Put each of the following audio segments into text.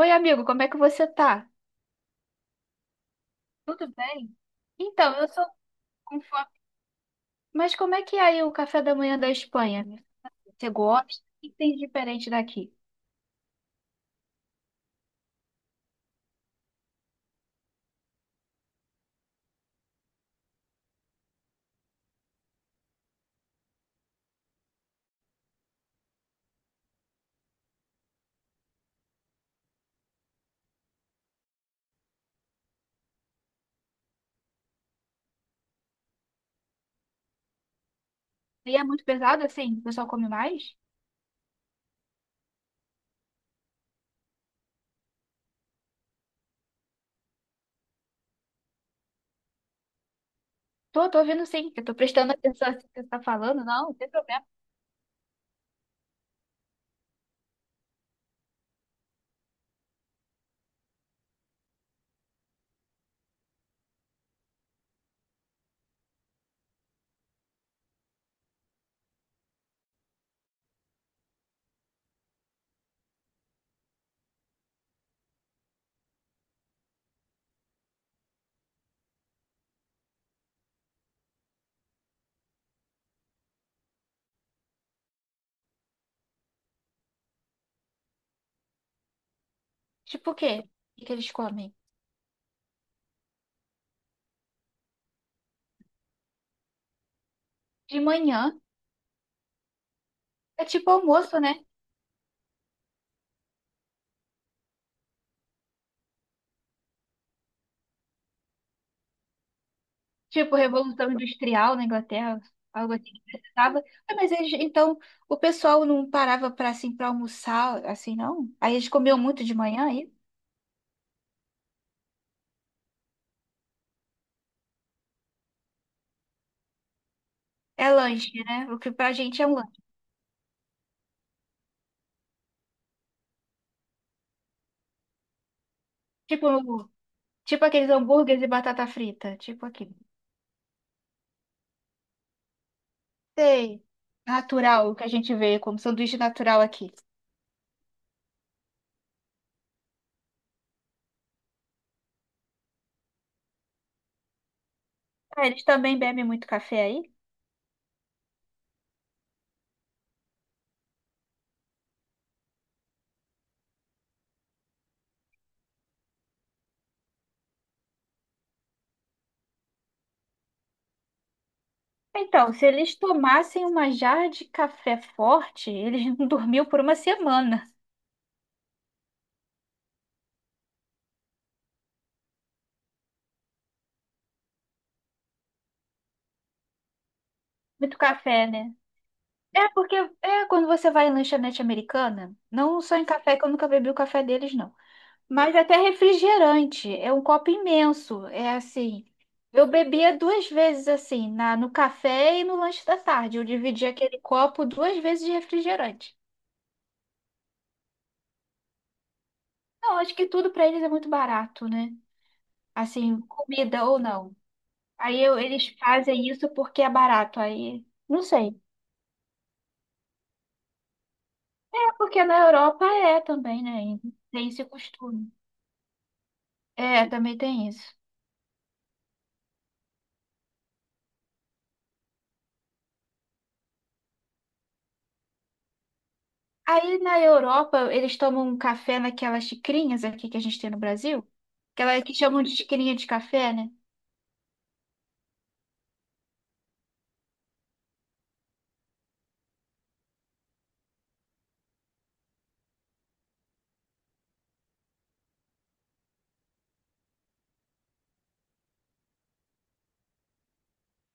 Oi, amigo, como é que você tá? Tudo bem? Então, eu sou com fome. Mas como é que é aí o café da manhã da Espanha? Você gosta? O que tem de diferente daqui? E é muito pesado assim? O pessoal come mais? Tô ouvindo, sim. Eu tô prestando atenção assim que você tá falando. Não, não tem problema. Tipo o quê? O que que eles comem? De manhã é tipo almoço, né? Tipo Revolução Industrial na Inglaterra, algo assim que precisava. Ah, mas eles, então, o pessoal não parava para assim para almoçar, assim, não? Aí eles comiam muito de manhã, é isso? É lanche, né? O que pra gente é um lanche. Tipo, tipo aqueles hambúrgueres e batata frita. Tipo aqui. Sei. Natural, o que a gente vê como sanduíche natural aqui. Ah, eles também bebem muito café aí? Então, se eles tomassem uma jarra de café forte, eles não dormiam por uma semana. Muito café, né? É porque é quando você vai em lanchonete americana, não só em café, que eu nunca bebi o café deles, não. Mas até refrigerante, é um copo imenso, é assim. Eu bebia duas vezes assim, no café e no lanche da tarde. Eu dividia aquele copo duas vezes de refrigerante. Não, acho que tudo para eles é muito barato, né? Assim, comida ou não. Eles fazem isso porque é barato. Aí, não sei. É porque na Europa é também, né? Tem esse costume. É, também tem isso. Aí na Europa, eles tomam um café naquelas xicrinhas aqui que a gente tem no Brasil, aquela que chamam de xicrinha de café, né?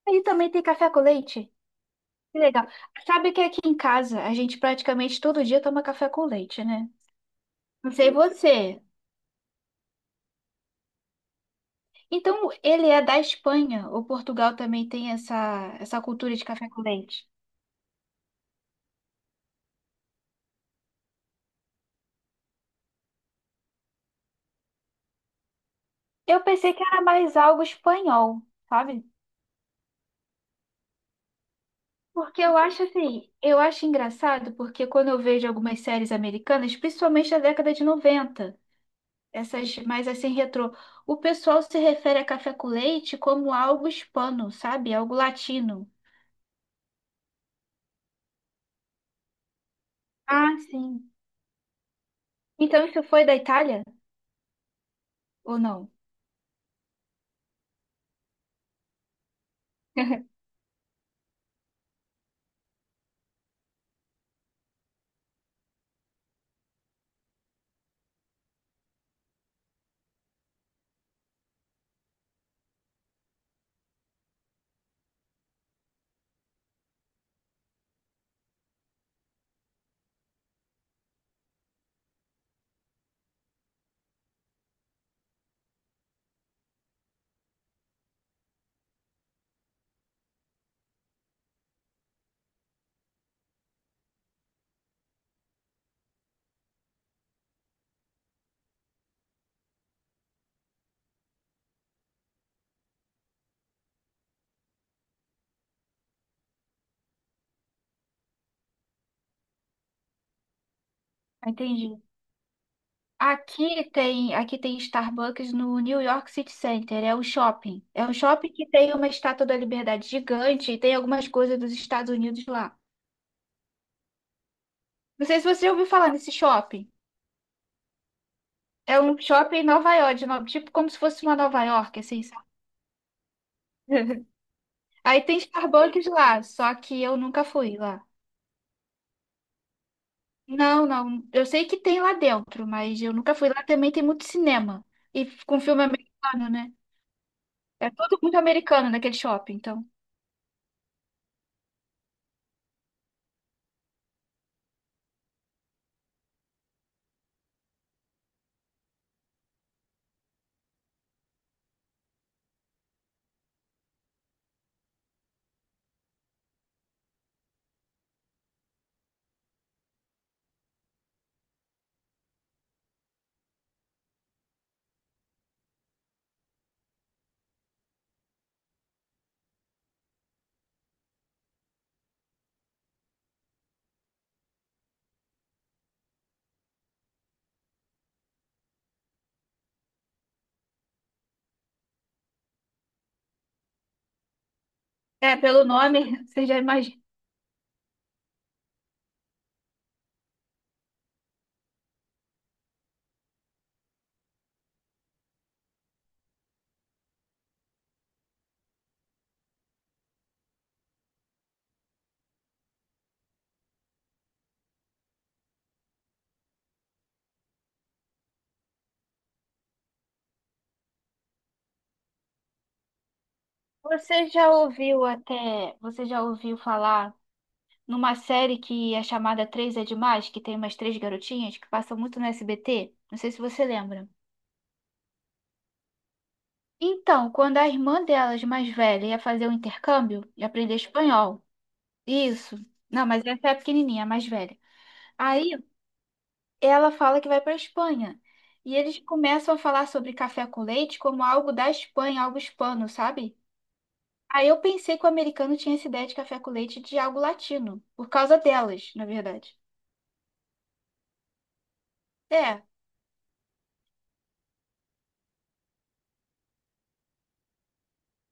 Aí também tem café com leite. Que legal. Sabe que aqui em casa a gente praticamente todo dia toma café com leite, né? Não sei você. Então, ele é da Espanha, ou Portugal também tem essa cultura de café com leite? Eu pensei que era mais algo espanhol, sabe? Porque eu acho assim, eu acho engraçado porque quando eu vejo algumas séries americanas, principalmente da década de 90, essas mais assim retrô. O pessoal se refere a café com leite como algo hispano, sabe? Algo latino. Ah, sim. Então isso foi da Itália ou não? Entendi. Aqui tem Starbucks no New York City Center, é um shopping. É um shopping que tem uma estátua da Liberdade gigante e tem algumas coisas dos Estados Unidos lá. Não sei se você já ouviu falar nesse shopping. É um shopping em Nova York, de no- tipo como se fosse uma Nova York, assim, sabe? Aí tem Starbucks lá, só que eu nunca fui lá. Não, não. Eu sei que tem lá dentro, mas eu nunca fui lá. Também tem muito cinema. E com filme americano, né? É tudo muito americano naquele shopping, então. É, pelo nome, você já imagina. Você já ouviu até. Você já ouviu falar numa série que é chamada Três é Demais, que tem umas três garotinhas que passam muito no SBT? Não sei se você lembra. Então, quando a irmã delas, mais velha, ia fazer o intercâmbio e aprender espanhol. Isso. Não, mas essa é a pequenininha, a mais velha. Aí ela fala que vai para Espanha. E eles começam a falar sobre café com leite como algo da Espanha, algo hispano, sabe? Aí eu pensei que o americano tinha essa ideia de café com leite de algo latino, por causa delas, na verdade. É.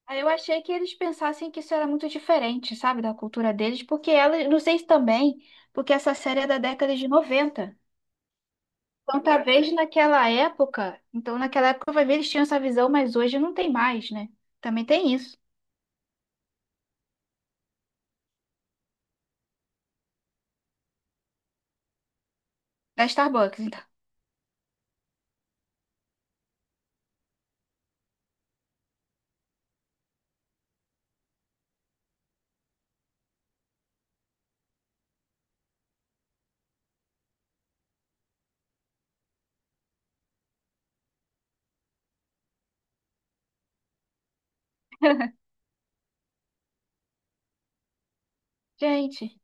Aí eu achei que eles pensassem que isso era muito diferente, sabe, da cultura deles, porque ela, não sei se também, porque essa série é da década de 90. Então, talvez naquela época, então naquela época vai ver eles tinham essa visão, mas hoje não tem mais, né? Também tem isso. Da Starbucks, então. Gente,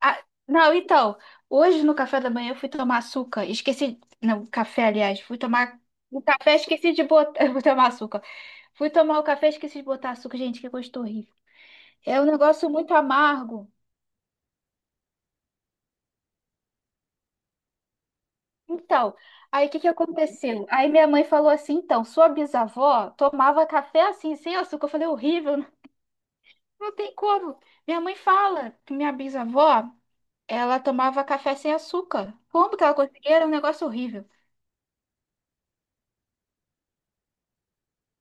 ah, não, então, hoje no café da manhã eu fui tomar açúcar, esqueci, não, café, aliás, fui tomar o café, esqueci de botar, eu vou tomar açúcar. Fui tomar o café, esqueci de botar açúcar, gente, que gosto horrível. É um negócio muito amargo. Então, aí o que que aconteceu? Aí minha mãe falou assim, então, sua bisavó tomava café assim, sem açúcar. Eu falei, horrível, não tem como. Minha mãe fala que minha bisavó, ela tomava café sem açúcar. Como que ela conseguia? Era um negócio horrível.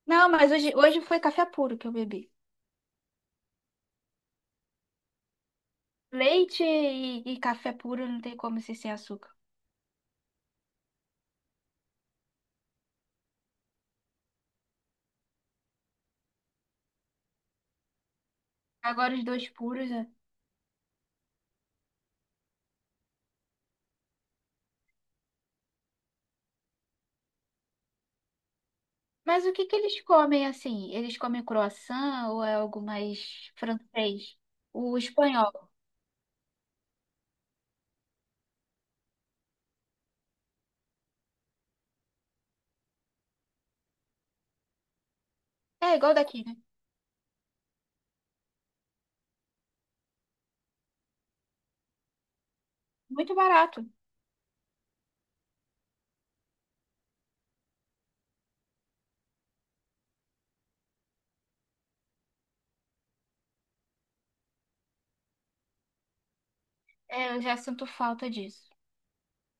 Não, mas hoje, hoje foi café puro que eu bebi. Leite e café puro não tem como ser sem açúcar. Agora os dois puros, né? Mas o que que eles comem assim? Eles comem croissant ou é algo mais francês? O espanhol. É igual daqui, né? Muito barato. É, eu já sinto falta disso.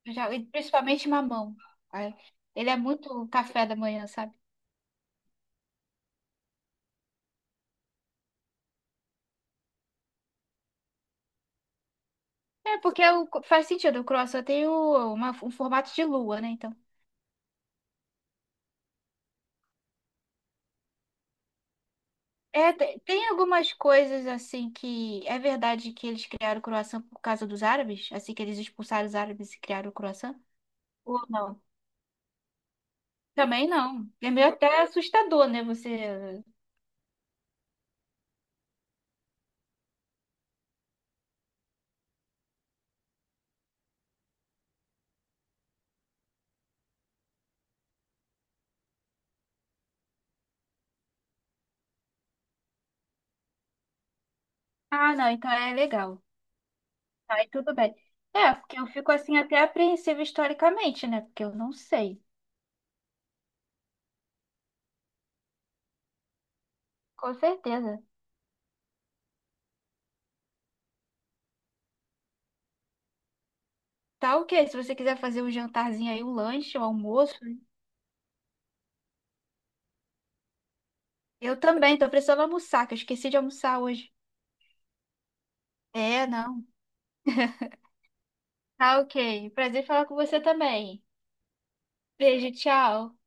E principalmente mamão. Ai, ele é muito café da manhã, sabe? É, porque o, faz sentido, o croissant tem um formato de lua, né? Então. É, tem algumas coisas assim que é verdade que eles criaram o croissant por causa dos árabes, assim que eles expulsaram os árabes e criaram o croissant? Ou não? Também não. É meio até assustador, né? Você. Ah, não, então é legal. Aí tudo bem. É, porque eu fico assim até apreensiva historicamente, né? Porque eu não sei. Com certeza. Tá ok, se você quiser fazer um jantarzinho aí, um lanche, um almoço, eu também, tô precisando almoçar, que eu esqueci de almoçar hoje. É, não. Tá ok. Prazer em falar com você também. Beijo, tchau.